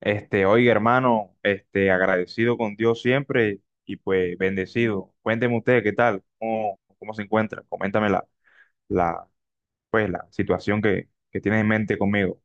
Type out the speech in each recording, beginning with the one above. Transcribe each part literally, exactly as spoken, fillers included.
Este, oiga, hermano, este, agradecido con Dios siempre y pues bendecido. Cuénteme usted qué tal, cómo, cómo se encuentra. Coméntame la, la, pues, la situación que, que tienes en mente conmigo.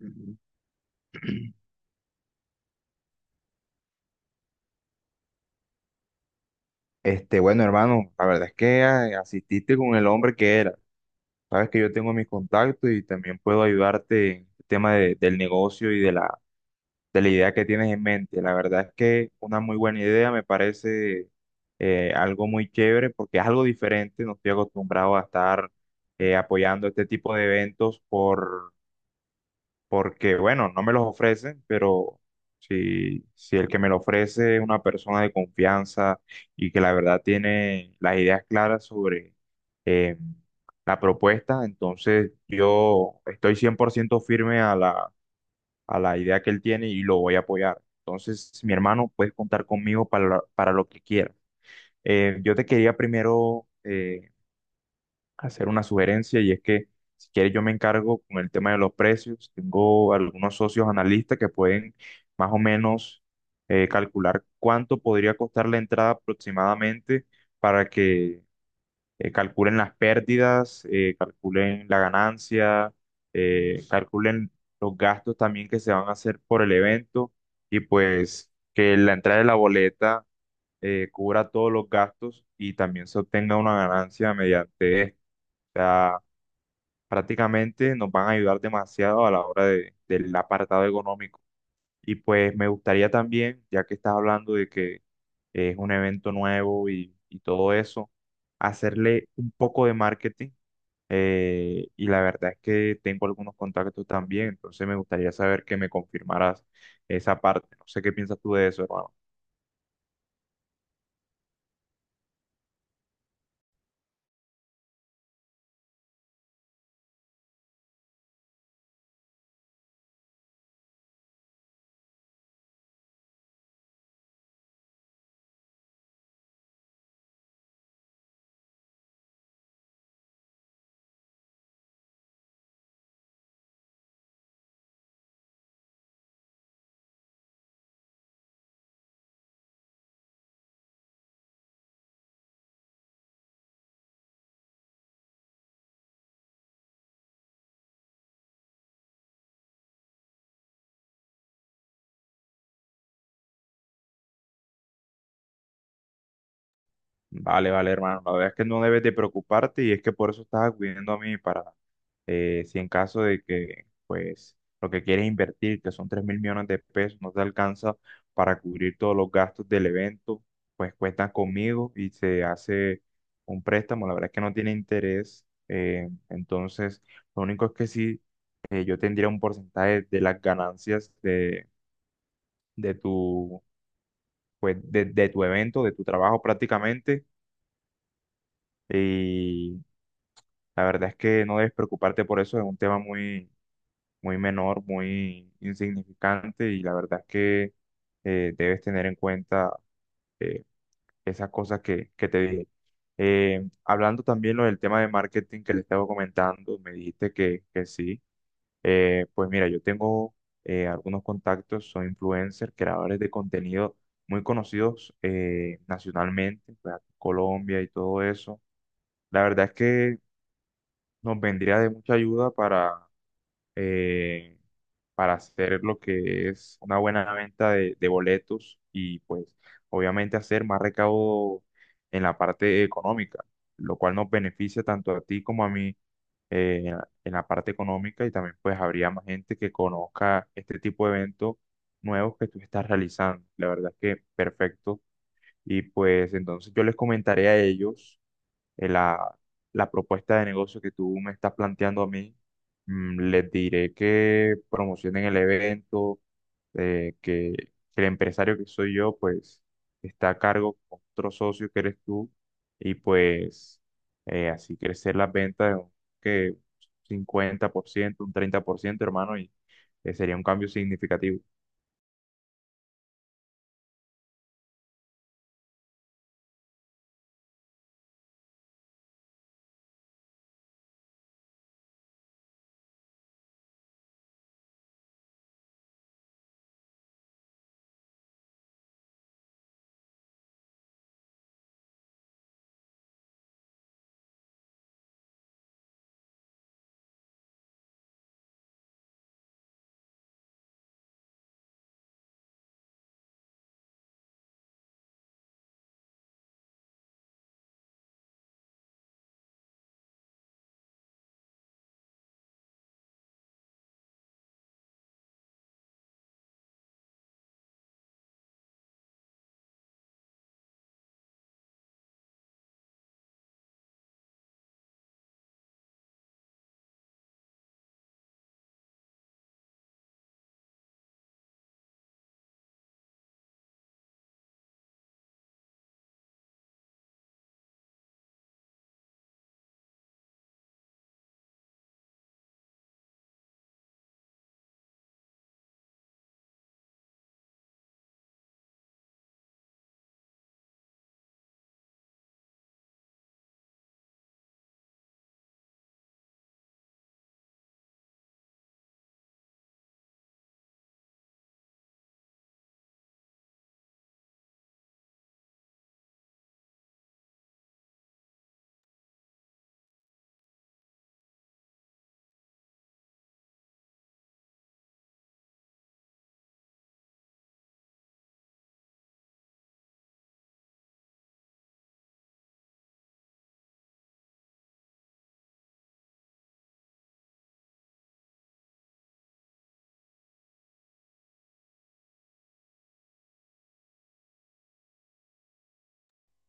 Ujú. Este, bueno, hermano, la verdad es que eh, asististe con el hombre que era. Sabes que yo tengo mis contactos y también puedo ayudarte en el tema de- del negocio y de la de la idea que tienes en mente. La verdad es que una muy buena idea me parece, eh, algo muy chévere porque es algo diferente. No estoy acostumbrado a estar eh, apoyando este tipo de eventos por, porque, bueno, no me los ofrecen, pero si, si el que me lo ofrece es una persona de confianza y que la verdad tiene las ideas claras sobre... eh, la propuesta. Entonces yo estoy cien por ciento firme a la idea que él tiene y lo voy a apoyar. Entonces, mi hermano, puedes contar conmigo para, la- para lo que quieras. Eh, yo te quería primero eh, hacer una sugerencia, y es que si quieres yo me encargo con el tema de los precios. Tengo algunos socios analistas que pueden más o menos eh, calcular cuánto podría costar la entrada aproximadamente para que eh, calculen las pérdidas, eh, calculen la ganancia, eh, calculen los gastos también que se van a hacer por el evento, y pues que la entrada de la boleta eh, cubra todos los gastos y también se obtenga una ganancia mediante esto. O sea, prácticamente nos van a ayudar demasiado a la hora de- del apartado económico. Y pues me gustaría también, ya que estás hablando de que es un evento nuevo y, y todo eso, hacerle un poco de marketing, eh, y la verdad es que tengo algunos contactos también. Entonces me gustaría saber que me confirmaras esa parte. No sé qué piensas tú de eso, hermano. Vale, vale, hermano. La verdad es que no debes de preocuparte, y es que por eso estás acudiendo a mí para, eh, si en caso de que, pues, lo que quieres invertir, que son tres mil millones de pesos, no te alcanza para cubrir todos los gastos del evento, pues cuentas conmigo y se hace un préstamo. La verdad es que no tiene interés. Eh, entonces, lo único es que sí, eh, yo tendría un porcentaje de las ganancias de, de tu, pues, de, de tu evento, de tu trabajo prácticamente. Y La verdad es que no debes preocuparte por eso, es un tema muy, muy menor, muy insignificante, y la verdad es que eh, debes tener en cuenta, eh, esas cosas que, que te dije. Eh, hablando también lo del tema de marketing que le estaba comentando, me dijiste que, que sí. Eh, pues mira, yo tengo eh, algunos contactos, soy influencer, creadores de contenido muy conocidos eh, nacionalmente, pues, aquí en Colombia y todo eso. La verdad es que nos vendría de mucha ayuda para eh, para hacer lo que es una buena venta de, de boletos, y pues obviamente hacer más recaudo en la parte económica, lo cual nos beneficia tanto a ti como a mí, eh, en la en la parte económica, y también pues habría más gente que conozca este tipo de eventos nuevos que tú estás realizando. La verdad es que perfecto. Y pues entonces yo les comentaré a ellos, eh, la, la propuesta de negocio que tú me estás planteando a mí. Mm, les diré que promocionen el evento, eh, que, que el empresario que soy yo, pues, está a cargo con otro socio que eres tú, y pues eh, así crecer las ventas de un que cincuenta por ciento, un treinta por ciento, hermano, y eh, sería un cambio significativo.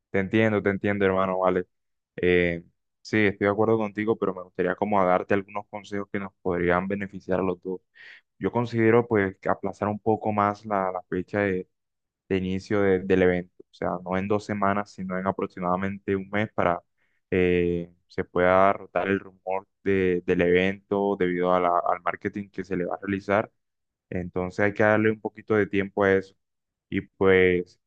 Te entiendo, te entiendo, hermano, vale. Eh, sí, estoy de acuerdo contigo, pero me gustaría como a darte algunos consejos que nos podrían beneficiar a los dos. Yo considero pues que aplazar un poco más la, la fecha de, de inicio de- del evento, o sea, no en dos semanas, sino en aproximadamente un mes, para eh, se pueda rotar el rumor de- del evento debido a la- al marketing que se le va a realizar. Entonces hay que darle un poquito de tiempo a eso. Y pues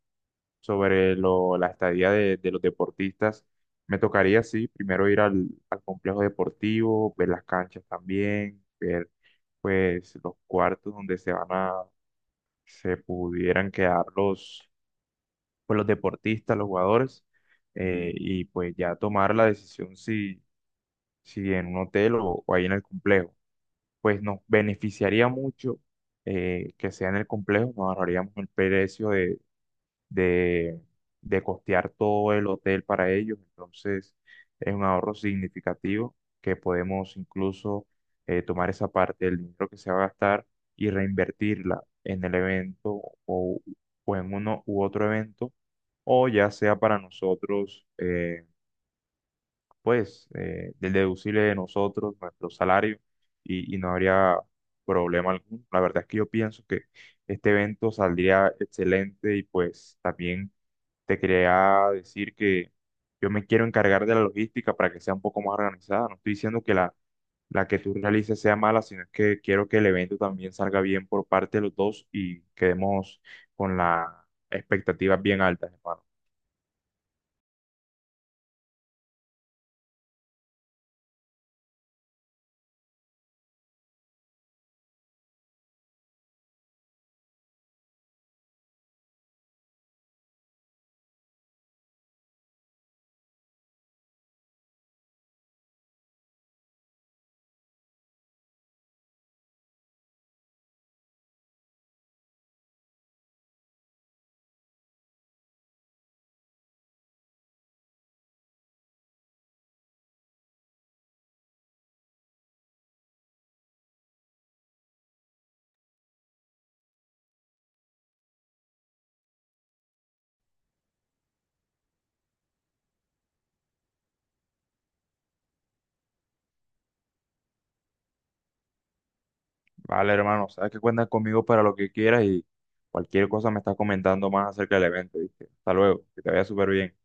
sobre lo- la estadía de, de los deportistas, me tocaría, sí, primero ir al, al complejo deportivo, ver las canchas también, ver pues los cuartos donde se van a, se pudieran quedar los, pues, los deportistas, los jugadores, eh, y pues ya tomar la decisión si, si en un hotel o, o ahí en el complejo. Pues nos beneficiaría mucho eh, que sea en el complejo, nos ahorraríamos el precio de, de costear todo el hotel para ellos. Entonces, es un ahorro significativo que podemos incluso eh, tomar esa parte del dinero que se va a gastar y reinvertirla en el evento, o, o en uno u otro evento, o ya sea para nosotros, eh, pues, eh, del deducible de nosotros, nuestro salario, y, y no habría problema alguno. La verdad es que yo pienso que este evento saldría excelente, y pues también te quería decir que yo me quiero encargar de la logística para que sea un poco más organizada. No estoy diciendo que la, la que tú realices sea mala, sino es que quiero que el evento también salga bien por parte de los dos y quedemos con las expectativas bien altas, hermano. Vale, hermano, sabes que cuentas conmigo para lo que quieras, y cualquier cosa me estás comentando más acerca del evento, ¿viste? Hasta luego, que te vaya súper bien.